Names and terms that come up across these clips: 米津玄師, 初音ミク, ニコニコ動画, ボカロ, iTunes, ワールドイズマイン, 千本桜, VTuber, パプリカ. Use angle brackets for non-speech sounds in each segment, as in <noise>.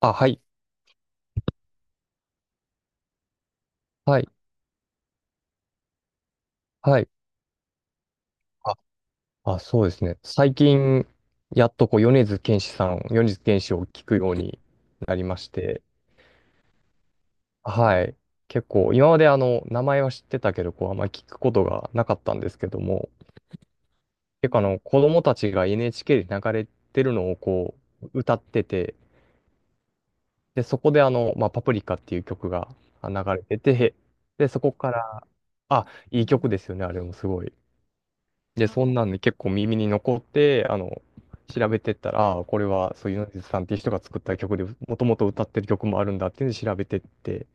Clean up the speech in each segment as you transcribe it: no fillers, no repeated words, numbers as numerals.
あ、はい、はい、はい。あ、あ、そうですね。最近、やっとこう、米津玄師を聞くようになりまして、はい。結構、今まであの、名前は知ってたけど、こう、あんまり聞くことがなかったんですけども、結構あの、子供たちが NHK で流れてるのをこう、歌ってて、で、そこであの、まあ、パプリカっていう曲が流れてて、で、そこから、あ、いい曲ですよね、あれもすごい。で、そんなんで結構耳に残って、あの、調べてったら、ああ、これはそういう米津さんっていう人が作った曲で、もともと歌ってる曲もあるんだっていうので調べてって、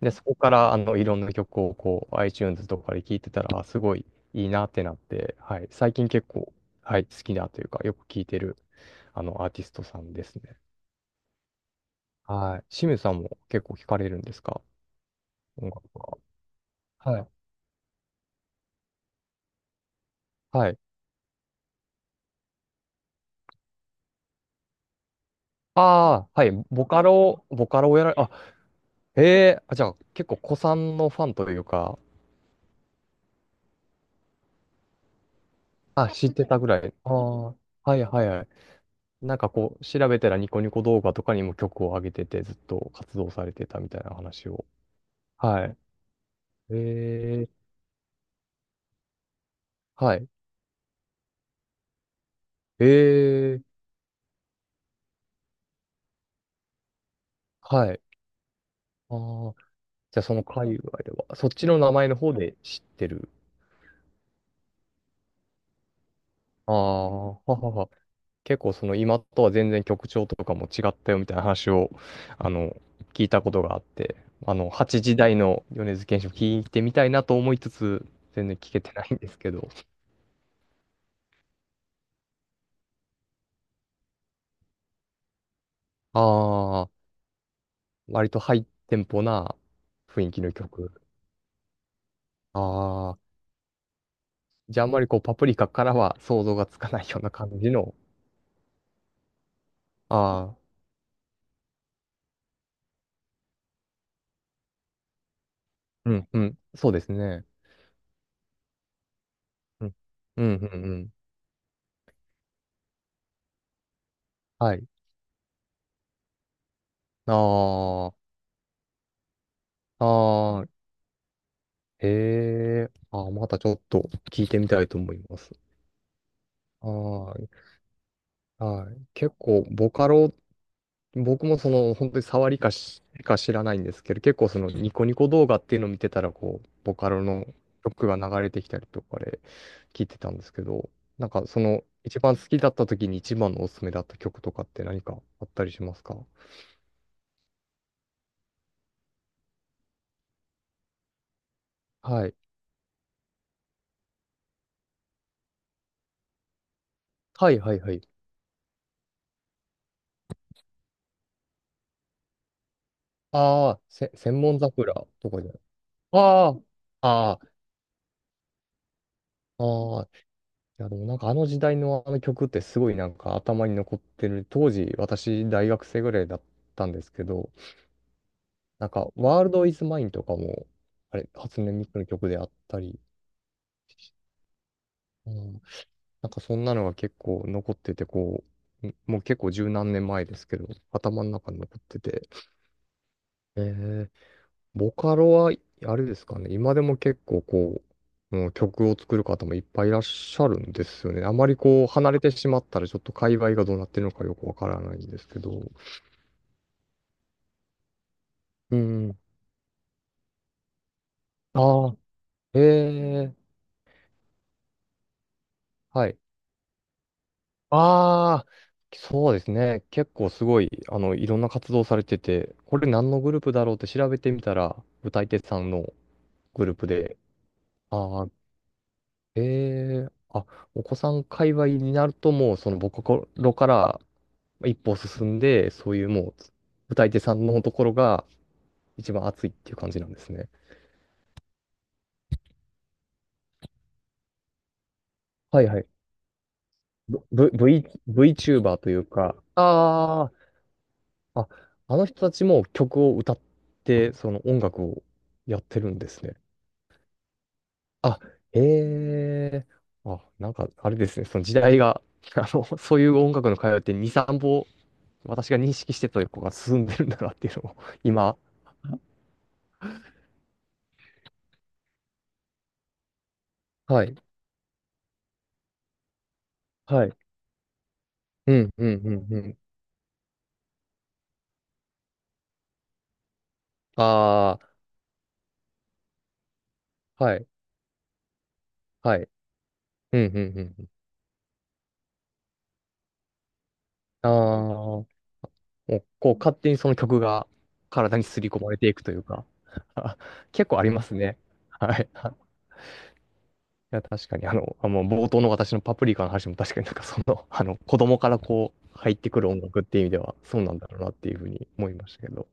で、そこから、あの、いろんな曲をこう、iTunes とかで聴いてたら、あすごいいいなってなって、はい、最近結構、はい、好きだというか、よく聴いてる、あの、アーティストさんですね。はい。清水さんも結構聴かれるんですか、音楽。はい。はい。ああ、はい。ボカロをやられ、あ、へえ、あ、じゃあ結構古参のファンというか、あ、知ってたぐらい。ああ、はいはいはい。なんかこう、調べたらニコニコ動画とかにも曲を上げてて、ずっと活動されてたみたいな話を。はい。ええ、はい。ええ、はい。ああ、じゃあその界隈では、そっちの名前の方で知ってる。ああ、ははは。結構その今とは全然曲調とかも違ったよみたいな話を、あの、聞いたことがあって、あの、八時台の米津玄師を聞いてみたいなと思いつつ、全然聞けてないんですけど。ああ、割とハイテンポな雰囲気の曲。ああ、じゃああんまりこうパプリカからは想像がつかないような感じの。ああ、うんうん、そうですね。うん、うん、うん、うん。はい。ああ、ああ、へえ、ああ、またちょっと聞いてみたいと思います。ああ、はい。結構ボカロ僕もその本当に触りかしか知らないんですけど、結構そのニコニコ動画っていうのを見てたら、こう、ボカロの曲が流れてきたりとかで聞いてたんですけど、なんかその一番好きだった時に一番のおすすめだった曲とかって何かあったりしますか？はい。はいはいはい。ああ、千本桜とかじゃない。ああ、ああ、ああ。いやでもなんかあの時代のあの曲ってすごいなんか頭に残ってる。当時私大学生ぐらいだったんですけど、なんか、ワールドイズマインとかも、あれ、初音ミクの曲であったり、うん、なんかそんなのが結構残ってて、こう、んもう結構十何年前ですけど、頭の中に残ってて、えー、ボカロは、あれですかね、今でも結構こう、うん、曲を作る方もいっぱいいらっしゃるんですよね。あまりこう、離れてしまったら、ちょっと界隈がどうなってるのかよくわからないんですけど。うん。ああ、ええ、はい。ああ、そうですね。結構すごい、あの、いろんな活動されてて、これ何のグループだろうって調べてみたら、歌い手さんのグループで、ああ、ええあ、お子さん界隈になるともう、その、僕頃から一歩進んで、そういうもう、歌い手さんのところが一番熱いっていう感じなんですね。はいはい。V、V、VTuber というか、ああ、あ、あの人たちも曲を歌って、その音楽をやってるんですね。あ、ええあ、なんか、あれですね、その時代が、<laughs> あの、そういう音楽の会話って2、3歩、私が認識してたとこが進んでるんだなっていうのを、<laughs> 今。はい。はい。うん、うん、うん、うん。ああ、はい、はい。うん、うん、うん。うんああ、もう、こう、勝手にその曲が体に刷り込まれていくというか、<laughs> 結構ありますね。はい。いや、確かに、あの、あ、もう冒頭の私のパプリカの話も確かになんかその、<laughs> あの、子供からこう、入ってくる音楽っていう意味では、そうなんだろうなっていうふうに思いましたけど。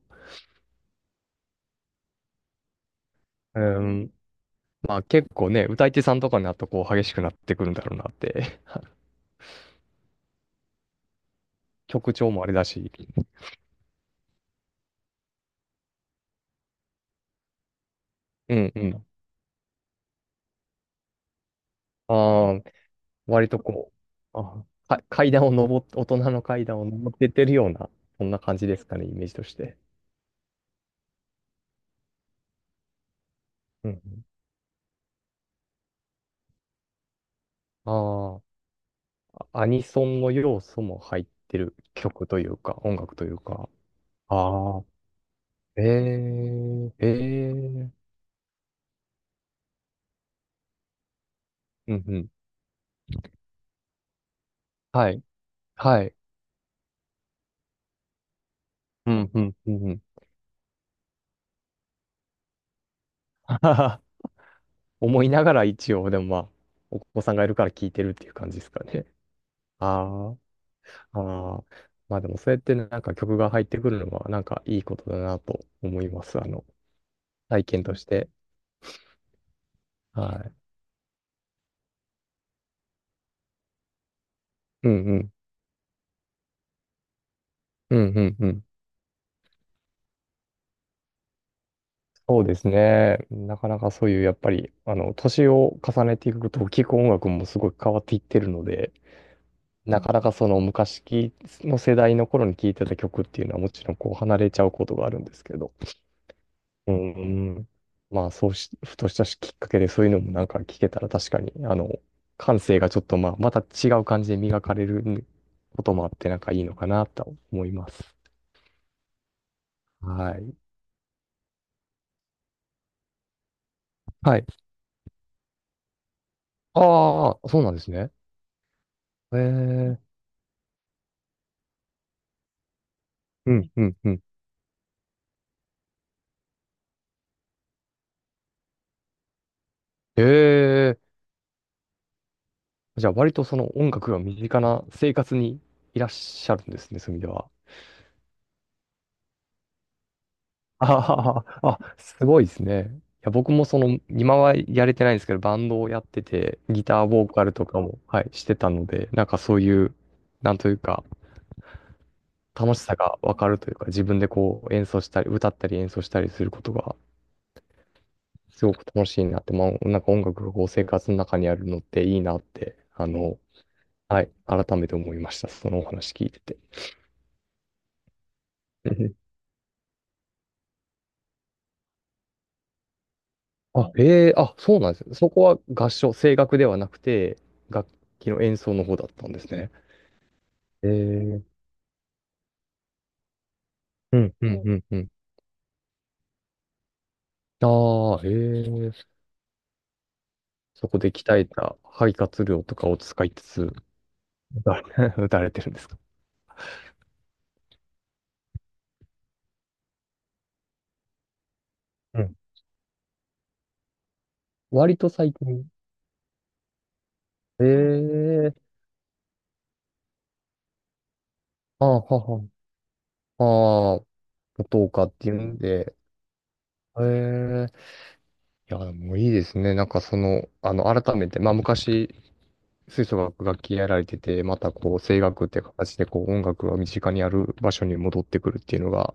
うーん。まあ結構ね、歌い手さんとかになるとこう激しくなってくるんだろうなって。<laughs> 曲調もあれだし。うんうん。ああ、割とこう、あ、か階段を登って、大人の階段を登ってってるような、そんな感じですかね、イメージとして。うんうん。ああ、アニソンの要素も入ってる曲というか、音楽というか。ああ。ええ、ええ、うんうん。はい、はい。うんうん、うんうん。<laughs> ははは思いながら一応、でもまあ、お子さんがいるから聞いてるっていう感じですかね。ああ、ああ。まあでもそうやってねなんか曲が入ってくるのはなんかいいことだなと思います。あの、体験として。はい。うんうん。うんうんうん。そうですね。なかなかそういう、やっぱり、あの、年を重ねていくと、聞く音楽もすごい変わっていってるので、なかなかその昔きの世代の頃に聴いてた曲っていうのはもちろんこう離れちゃうことがあるんですけど。うん。まあそうし、ふとしたきっかけでそういうのもなんか聞けたら確かに、あの、感性がちょっとまあまた違う感じで磨かれることもあってなんかいいのかなと思います。はい。はい。ああ、そうなんですね。ええうん、うん、うん。ええじゃあ割とその音楽が身近な生活にいらっしゃるんですね、そういう意味では。ああ、あ、すごいですね。いや、僕もその、今はやれてないんですけど、バンドをやってて、ギターボーカルとかも、はい、してたので、なんかそういう、なんというか、楽しさがわかるというか、自分でこう演奏したり、歌ったり演奏したりすることが、すごく楽しいなって、まあ、なんか音楽がこう生活の中にあるのっていいなって、あの、はい、改めて思いました。そのお話聞いてて。<laughs> うんあ、ええあ、そうなんですね。そこは合唱、声楽ではなくて、楽器の演奏の方だったんですね。ええうん、うん、うんうん、うん。ああ、ええーそこで鍛えた肺活量とかを使いつつ、打たれ <laughs>、打たれてるんですか？うん割と最近。ええーああ、はは、ああ、元岡っていうんで、ええいや、もういいですね。なんかその、あの、改めて、まあ昔、吹奏楽楽器やられてて、またこう、声楽って形でこう、音楽が身近にある場所に戻ってくるっていうのが、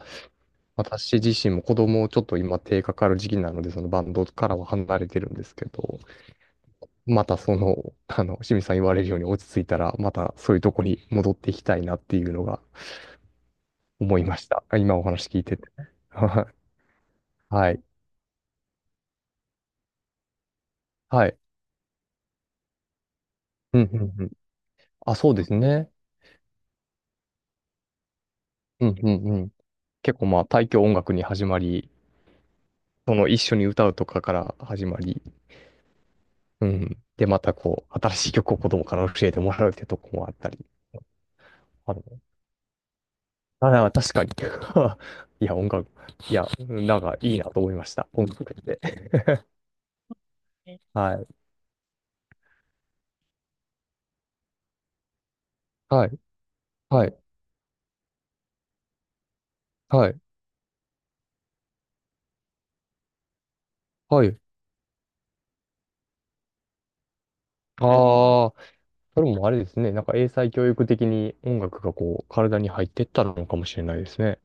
私自身も子供をちょっと今手かかる時期なので、そのバンドからは離れてるんですけど、またその、<laughs> あの、清水さん言われるように落ち着いたら、またそういうとこに戻っていきたいなっていうのが思いました。今お話聞いてて。<laughs> はい。はい。うんうんうん。あ、そうですね。うんうんうん。結構まあ、大教音楽に始まり、その一緒に歌うとかから始まり、うん。で、またこう、新しい曲を子供から教えてもらうってとこもあったり。あ、なんか確かに。<laughs> いや、音楽、いや、なんかいいなと思いました。音楽って。はい。はい。はい。はい。はい。ああ、それもあれですね。なんか英才教育的に音楽がこう、体に入ってったのかもしれないですね。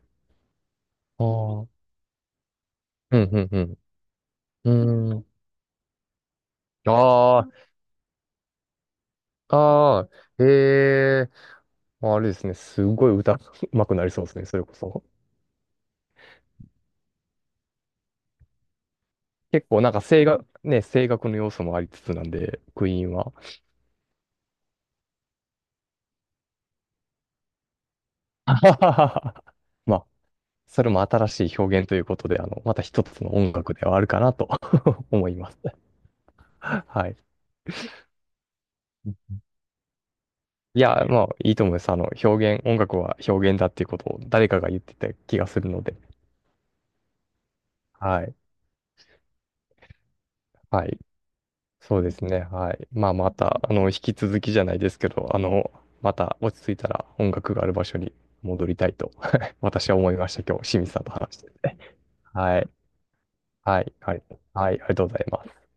ああ。うん、うん、うん。うーん。ああ、ああ、ええ、あれですね。すごい歌 <laughs> うまくなりそうですね。それこそ。結構なんか声楽、ね、声楽の要素もありつつなんで、クイーンは。<laughs> まあそれも新しい表現ということで、あの、また一つの音楽ではあるかなと <laughs> 思います。はい。いや、まあ、いいと思います。あの、表現、音楽は表現だっていうことを誰かが言ってた気がするので。はい。はい。そうですね。はい。まあ、また、あの、引き続きじゃないですけど、あの、また落ち着いたら音楽がある場所に戻りたいと <laughs> 私は思いました。今日、清水さんと話してて。はい。はい。はい。はい。ありがとうございます。